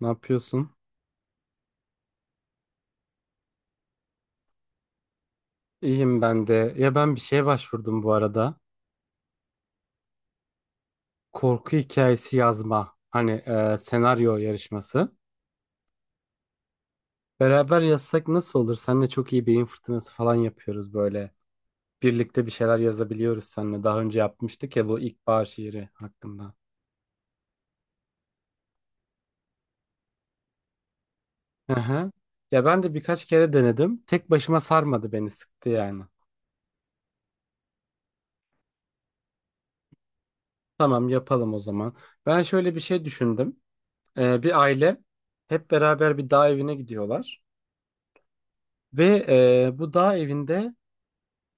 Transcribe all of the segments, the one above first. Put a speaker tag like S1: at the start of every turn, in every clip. S1: Ne yapıyorsun? İyiyim ben de. Ya ben bir şeye başvurdum bu arada. Korku hikayesi yazma. Hani senaryo yarışması. Beraber yazsak nasıl olur? Seninle çok iyi beyin fırtınası falan yapıyoruz böyle. Birlikte bir şeyler yazabiliyoruz seninle. Daha önce yapmıştık ya bu ilkbahar şiiri hakkında. Hı hı. Ya ben de birkaç kere denedim. Tek başıma sarmadı beni sıktı yani. Tamam yapalım o zaman. Ben şöyle bir şey düşündüm. Bir aile hep beraber bir dağ evine gidiyorlar. Ve bu dağ evinde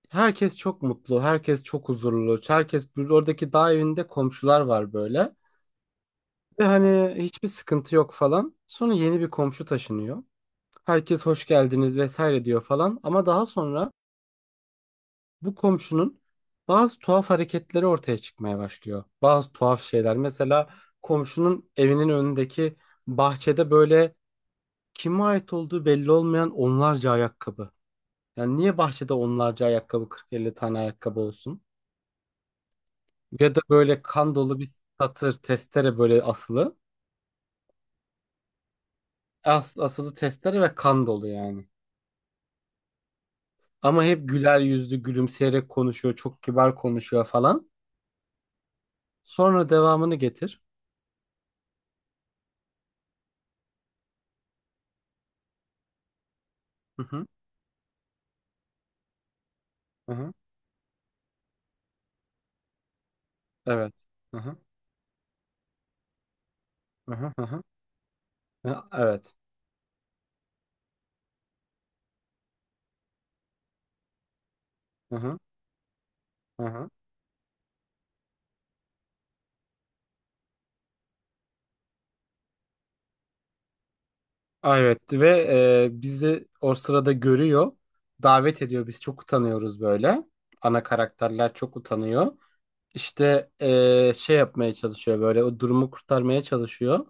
S1: herkes çok mutlu, herkes çok huzurlu, herkes oradaki dağ evinde komşular var böyle. Ve hani hiçbir sıkıntı yok falan. Sonra yeni bir komşu taşınıyor. Herkes hoş geldiniz vesaire diyor falan. Ama daha sonra bu komşunun bazı tuhaf hareketleri ortaya çıkmaya başlıyor. Bazı tuhaf şeyler. Mesela komşunun evinin önündeki bahçede böyle kime ait olduğu belli olmayan onlarca ayakkabı. Yani niye bahçede onlarca ayakkabı 40-50 tane ayakkabı olsun? Ya da böyle kan dolu bir satır testere böyle asılı. Asılı testere ve kan dolu yani. Ama hep güler yüzlü gülümseyerek konuşuyor. Çok kibar konuşuyor falan. Sonra devamını getir. Hı hı. Hı hı. Evet. Hı hı. Hı hı. Hı hı. Hı, evet. Hı hı. Hı hı. Aa, evet ve bizi o sırada görüyor. Davet ediyor. Biz çok utanıyoruz böyle. Ana karakterler çok utanıyor. İşte şey yapmaya çalışıyor böyle o durumu kurtarmaya çalışıyor.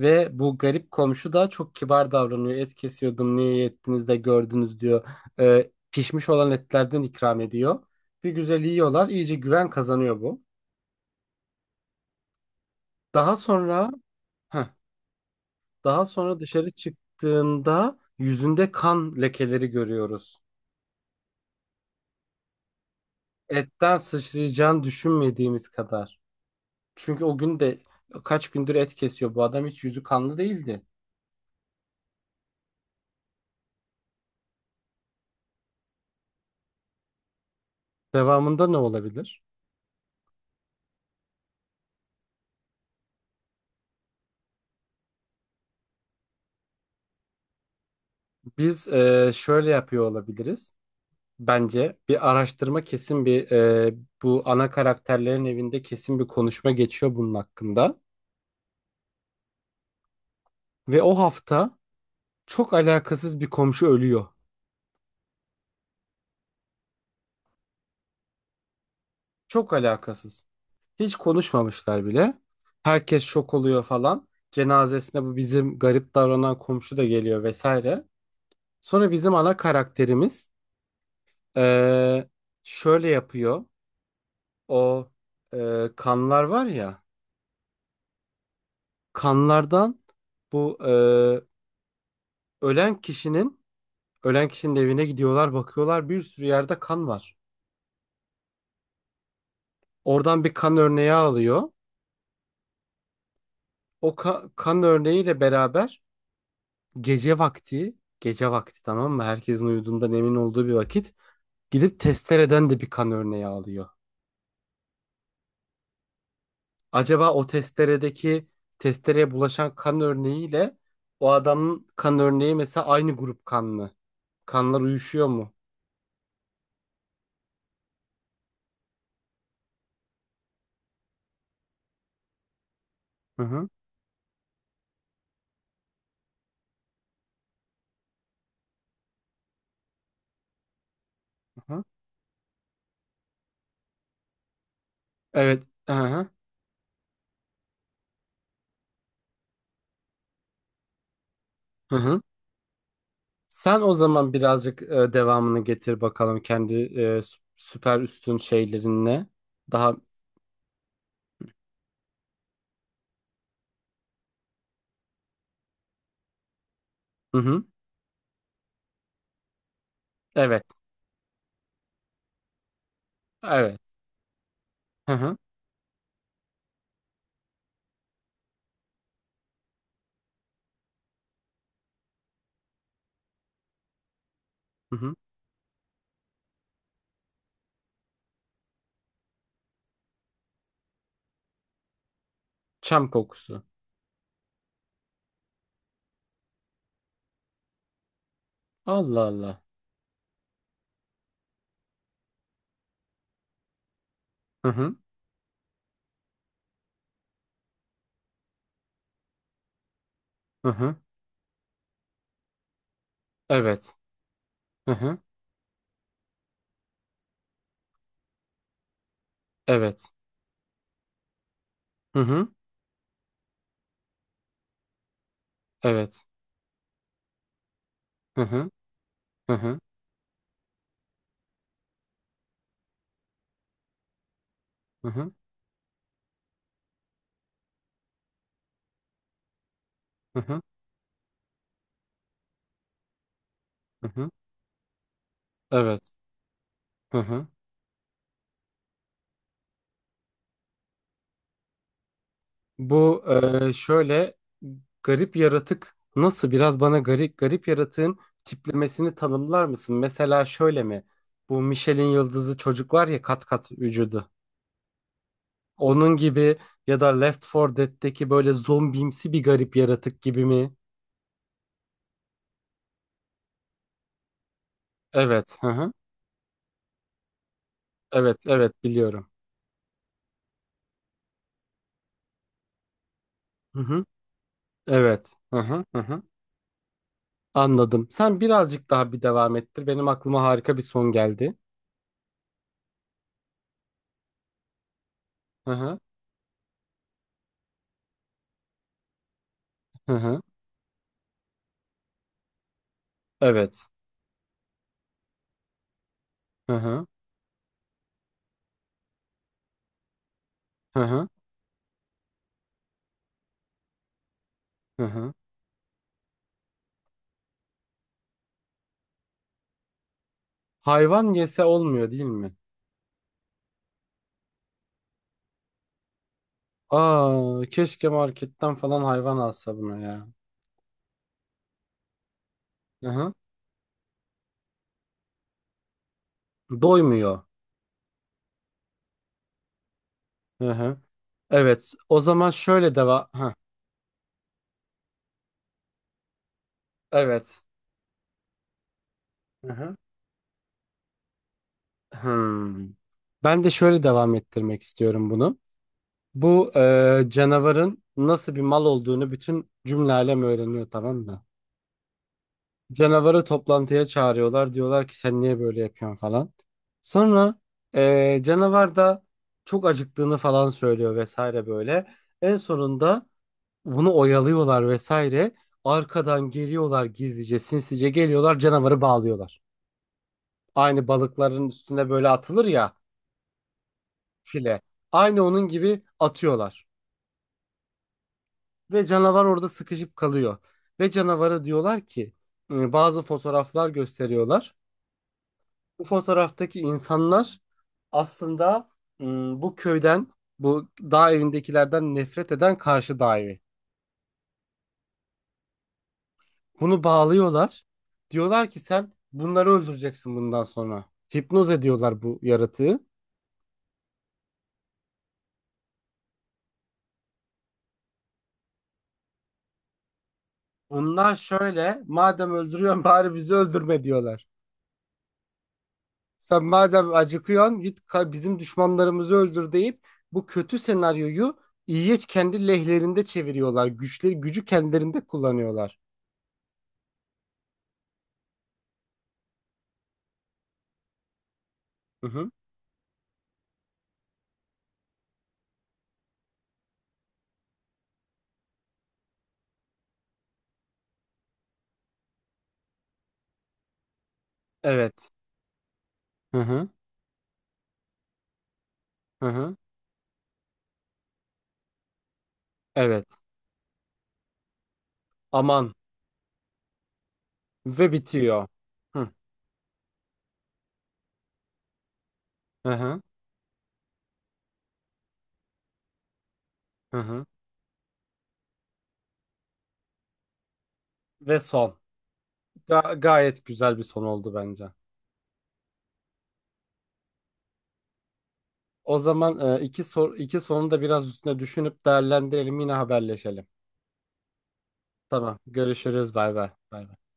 S1: Ve bu garip komşu da çok kibar davranıyor. Et kesiyordum niye ettiniz de gördünüz diyor. Pişmiş olan etlerden ikram ediyor. Bir güzel yiyorlar iyice güven kazanıyor bu. Daha sonra heh, daha sonra dışarı çıktığında yüzünde kan lekeleri görüyoruz. Etten sıçrayacağını düşünmediğimiz kadar. Çünkü o gün de kaç gündür et kesiyor bu adam hiç yüzü kanlı değildi. Devamında ne olabilir? Biz şöyle yapıyor olabiliriz. Bence bir araştırma kesin bir bu ana karakterlerin evinde kesin bir konuşma geçiyor bunun hakkında. Ve o hafta çok alakasız bir komşu ölüyor. Çok alakasız. Hiç konuşmamışlar bile. Herkes şok oluyor falan. Cenazesine bu bizim garip davranan komşu da geliyor vesaire. Sonra bizim ana karakterimiz e, şöyle yapıyor. O kanlar var ya. Kanlardan bu ölen kişinin ölen kişinin evine gidiyorlar bakıyorlar bir sürü yerde kan var. Oradan bir kan örneği alıyor. Kan örneğiyle beraber gece vakti tamam mı? Herkesin uyuduğundan emin olduğu bir vakit gidip testereden de bir kan örneği alıyor. Acaba o testereye bulaşan kan örneğiyle o adamın kan örneği mesela aynı grup kanlı. Kanlar uyuşuyor mu? Hı hı. Hı hı. Evet. Hı hı. Hı hı. Sen o zaman birazcık devamını getir bakalım kendi süper üstün şeylerinle. Daha hı hı. Evet. Evet. Hı hı. Hı hı. Çam kokusu. Allah Allah. Hı hı. Hı hı. Evet. Hı hı. Evet. Hı hı. Evet. Hı hı. Hı hı. Hı hı. Hı hı. Hı hı. Evet. Hı hı. Bu şöyle garip yaratık nasıl biraz bana garip yaratığın tiplemesini tanımlar mısın? Mesela şöyle mi? Bu Michelin yıldızı çocuk var ya kat kat vücudu. Onun gibi ya da Left 4 Dead'teki böyle zombimsi bir garip yaratık gibi mi? Evet. Hı hı. Evet, evet biliyorum. Hı hı. Evet. Hı hı. Hı hı. Anladım. Sen birazcık daha bir devam ettir. Benim aklıma harika bir son geldi. Hı hı. Hı hı. Evet. Hı hı. Hı hı. Hı hı. Hayvan yese olmuyor değil mi? Aa, keşke marketten falan hayvan alsa buna ya. Hı hı. Doymuyor. Hı hı. Evet. O zaman şöyle devam. Hı. Evet. Hı hı. Hmm. Ben de şöyle devam ettirmek istiyorum bunu. Bu canavarın nasıl bir mal olduğunu bütün cümle alem öğreniyor tamam mı? Canavarı toplantıya çağırıyorlar. Diyorlar ki sen niye böyle yapıyorsun falan. Sonra canavar da çok acıktığını falan söylüyor vesaire böyle. En sonunda bunu oyalıyorlar vesaire. Arkadan geliyorlar gizlice sinsice canavarı bağlıyorlar. Aynı balıkların üstüne böyle atılır ya file. Aynı onun gibi atıyorlar. Ve canavar orada sıkışıp kalıyor. Ve canavara diyorlar ki bazı fotoğraflar gösteriyorlar. Bu fotoğraftaki insanlar aslında bu köyden, bu dağ evindekilerden nefret eden karşı dağ evi. Bunu bağlıyorlar. Diyorlar ki sen bunları öldüreceksin bundan sonra. Hipnoz ediyorlar bu yaratığı. Onlar şöyle, madem öldürüyorsun bari bizi öldürme diyorlar. Sen madem acıkıyorsun bizim düşmanlarımızı öldür deyip bu kötü senaryoyu iyiye kendi lehlerinde çeviriyorlar. Gücü kendilerinde kullanıyorlar. Hı hı. Evet. Hı hı. Hı hı. Evet. Aman. Ve bitiyor. Hı hı hı. Hı hı. Ve son. Gayet güzel bir son oldu bence. O zaman iki sorunu da biraz üstüne düşünüp değerlendirelim yine haberleşelim. Tamam. Görüşürüz. Bay bay. Bay bay.